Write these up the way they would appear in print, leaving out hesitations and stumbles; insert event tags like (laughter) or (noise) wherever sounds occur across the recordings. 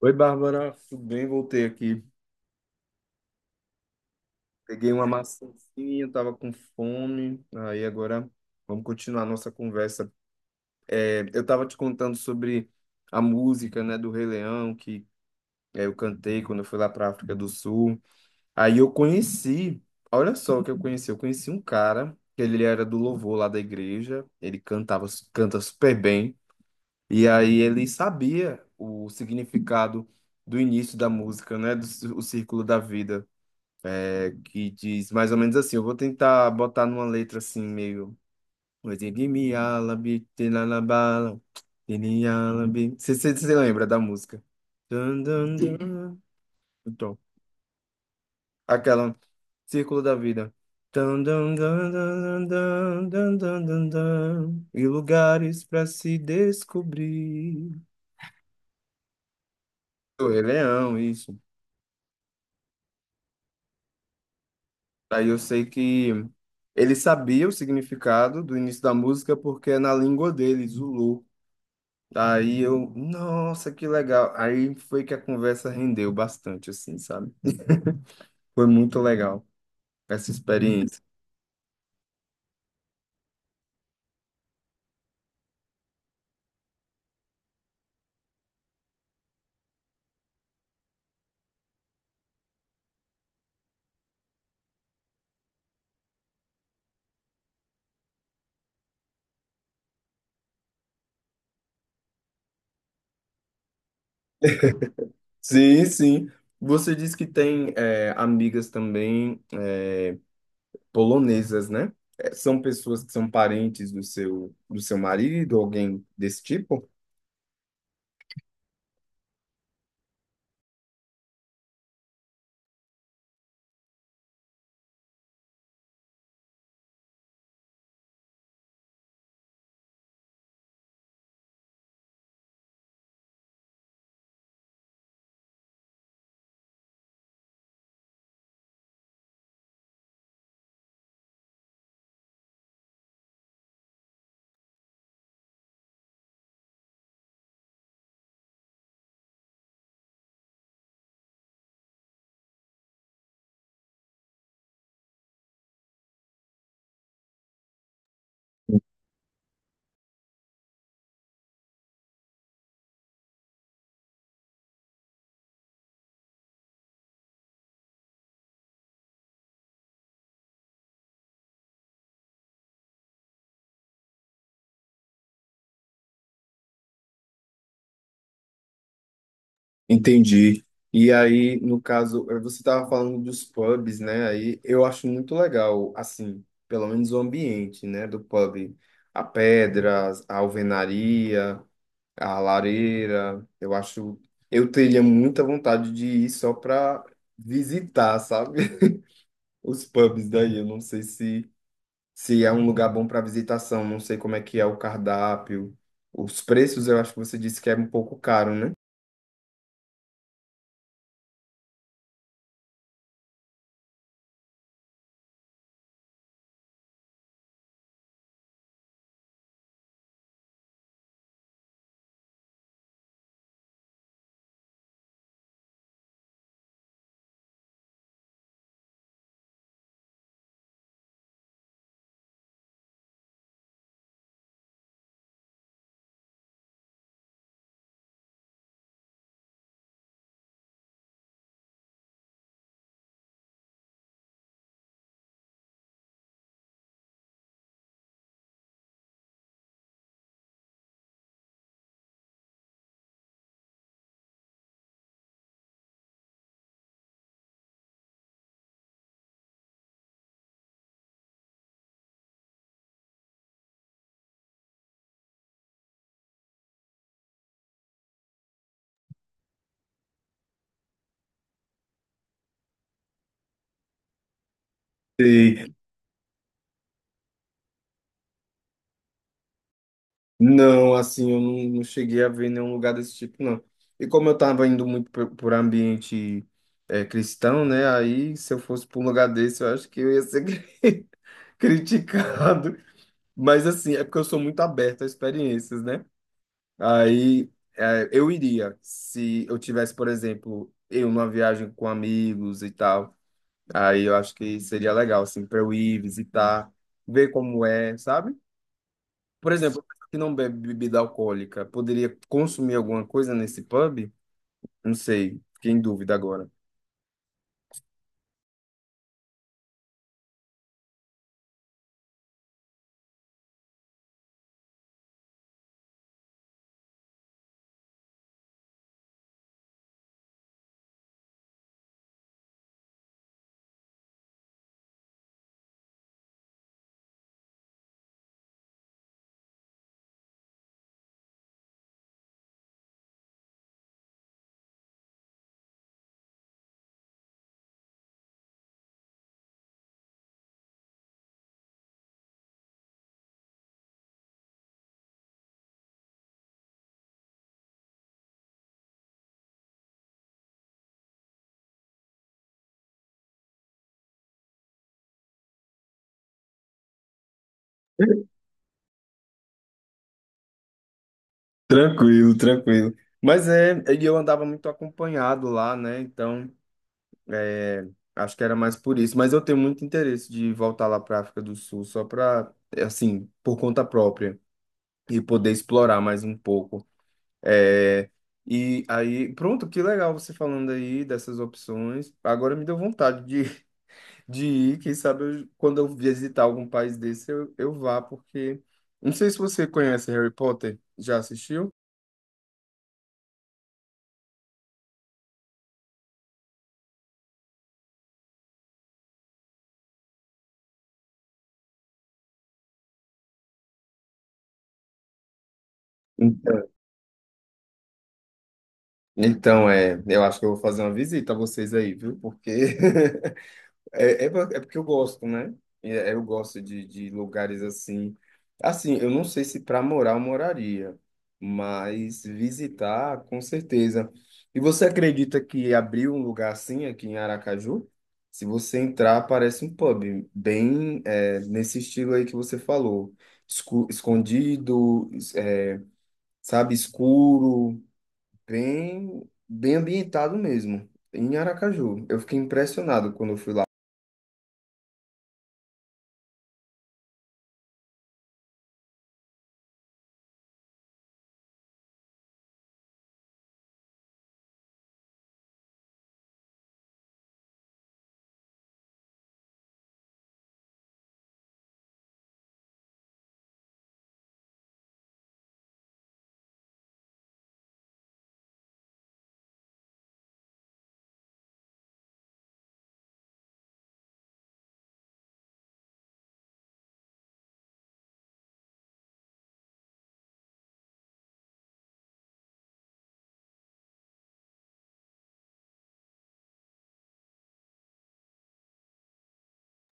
Oi, Bárbara, tudo bem? Voltei aqui. Peguei uma maçãzinha, tava com fome. Aí agora vamos continuar a nossa conversa. Eu tava te contando sobre a música, né, do Rei Leão, eu cantei quando eu fui lá para África do Sul. Aí eu conheci, olha só o que eu conheci. Eu conheci um cara, que ele era do louvor lá da igreja, ele cantava, canta super bem. E aí ele sabia o significado do início da música, né, o círculo da vida. É, que diz mais ou menos assim. Eu vou tentar botar numa letra assim, meio. Ozigibialabi, tilalabala, tilialabi. Você lembra da música? Dun, dun, dun. Então, aquela Círculo da Vida. Dun, dun, dun, dun, dun, dun, dun, dun, dun. E lugares para se descobrir. O Rei Leão, isso. Aí eu sei que ele sabia o significado do início da música porque é na língua dele, Zulu. Aí eu, nossa, que legal. Aí foi que a conversa rendeu bastante, assim, sabe? Foi muito legal essa experiência. Sim, sim. Você disse que tem amigas também, polonesas, né? É, são pessoas que são parentes do seu marido, alguém desse tipo? Entendi. E aí, no caso, você estava falando dos pubs, né? Aí eu acho muito legal, assim, pelo menos o ambiente, né, do pub. A pedra, a alvenaria, a lareira. Eu acho. Eu teria muita vontade de ir só para visitar, sabe? (laughs) Os pubs daí. Eu não sei se, se é um lugar bom para visitação. Não sei como é que é o cardápio. Os preços, eu acho que você disse que é um pouco caro, né? Sei. Não, assim, eu não, não cheguei a ver nenhum lugar desse tipo, não. E como eu estava indo muito por ambiente cristão, né? Aí, se eu fosse para um lugar desse, eu acho que eu ia ser (laughs) criticado. Mas, assim, é porque eu sou muito aberto a experiências, né? Aí, eu iria, se eu tivesse, por exemplo, eu numa viagem com amigos e tal. Aí, eu acho que seria legal, assim, para eu ir visitar, ver como é, sabe? Por exemplo, que não bebe bebida alcoólica, poderia consumir alguma coisa nesse pub? Não sei, fiquei em dúvida agora. Tranquilo, tranquilo. Mas é, e eu andava muito acompanhado lá, né? Então, é, acho que era mais por isso. Mas eu tenho muito interesse de voltar lá para África do Sul, só para, assim, por conta própria e poder explorar mais um pouco. É, e aí, pronto, que legal você falando aí dessas opções. Agora me deu vontade de ir, quem sabe quando eu visitar algum país desse eu vá, porque não sei se você conhece Harry Potter, já assistiu? Então, é, eu acho que eu vou fazer uma visita a vocês aí, viu? Porque (laughs) é porque eu gosto, né? Eu gosto de lugares assim. Assim, eu não sei se para morar eu moraria, mas visitar, com certeza. E você acredita que abriu um lugar assim aqui em Aracaju? Se você entrar, parece um pub, bem é, nesse estilo aí que você falou. Escondido, sabe, escuro, bem, bem ambientado mesmo, em Aracaju. Eu fiquei impressionado quando eu fui lá.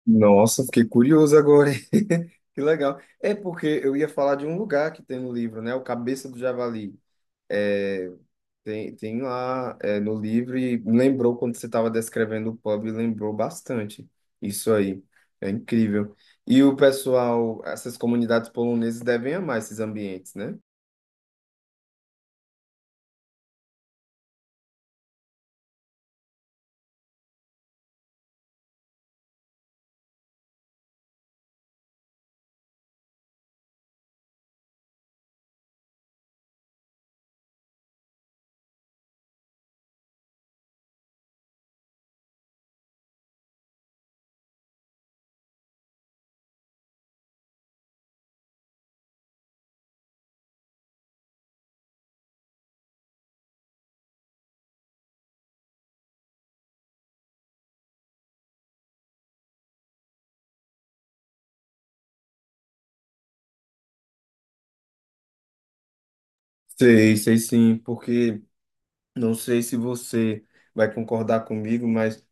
Nossa, fiquei curioso agora. Hein? (laughs) Que legal. É porque eu ia falar de um lugar que tem no livro, né? O Cabeça do Javali. É, tem, tem lá, é, no livro e lembrou quando você estava descrevendo o pub, lembrou bastante isso aí. É incrível. E o pessoal, essas comunidades polonesas devem amar esses ambientes, né? Sei, sei sim, porque não sei se você vai concordar comigo, mas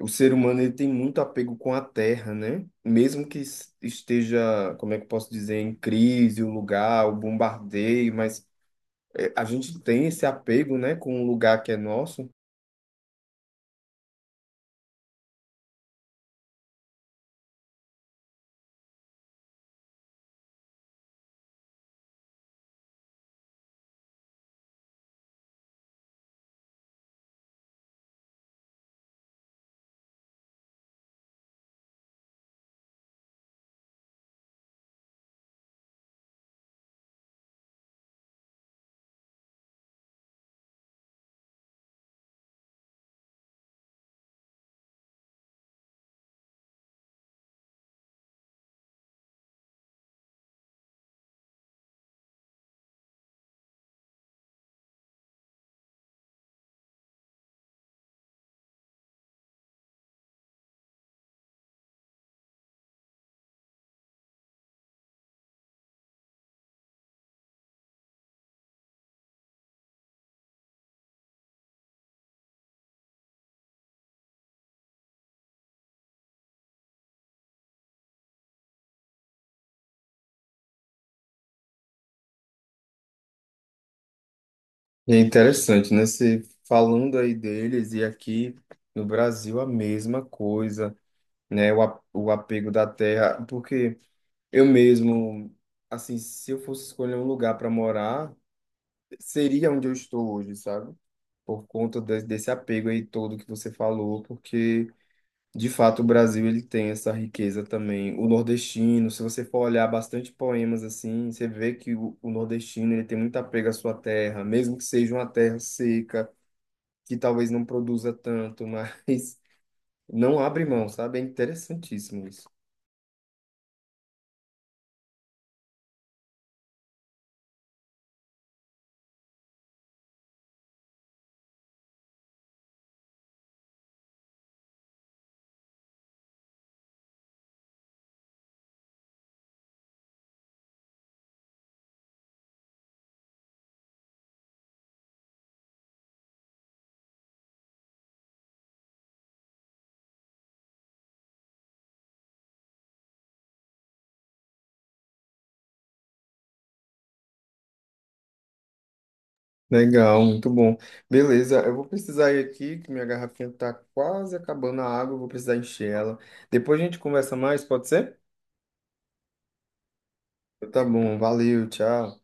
o ser humano ele tem muito apego com a terra, né? Mesmo que esteja, como é que eu posso dizer, em crise, o lugar, o bombardeio, mas é, a gente tem esse apego, né, com o lugar que é nosso. E é interessante, né? Você falando aí deles e aqui no Brasil a mesma coisa, né? O apego da terra, porque eu mesmo, assim, se eu fosse escolher um lugar para morar, seria onde eu estou hoje, sabe? por conta desse apego aí todo que você falou, porque de fato o Brasil ele tem essa riqueza também. O nordestino, se você for olhar bastante poemas assim, você vê que o nordestino ele tem muito apego à sua terra, mesmo que seja uma terra seca, que talvez não produza tanto, mas (laughs) não abre mão, sabe? É interessantíssimo isso. Legal, muito bom. Beleza, eu vou precisar ir aqui, que minha garrafinha tá quase acabando a água, eu vou precisar encher ela. Depois a gente conversa mais, pode ser? Tá bom, valeu, tchau.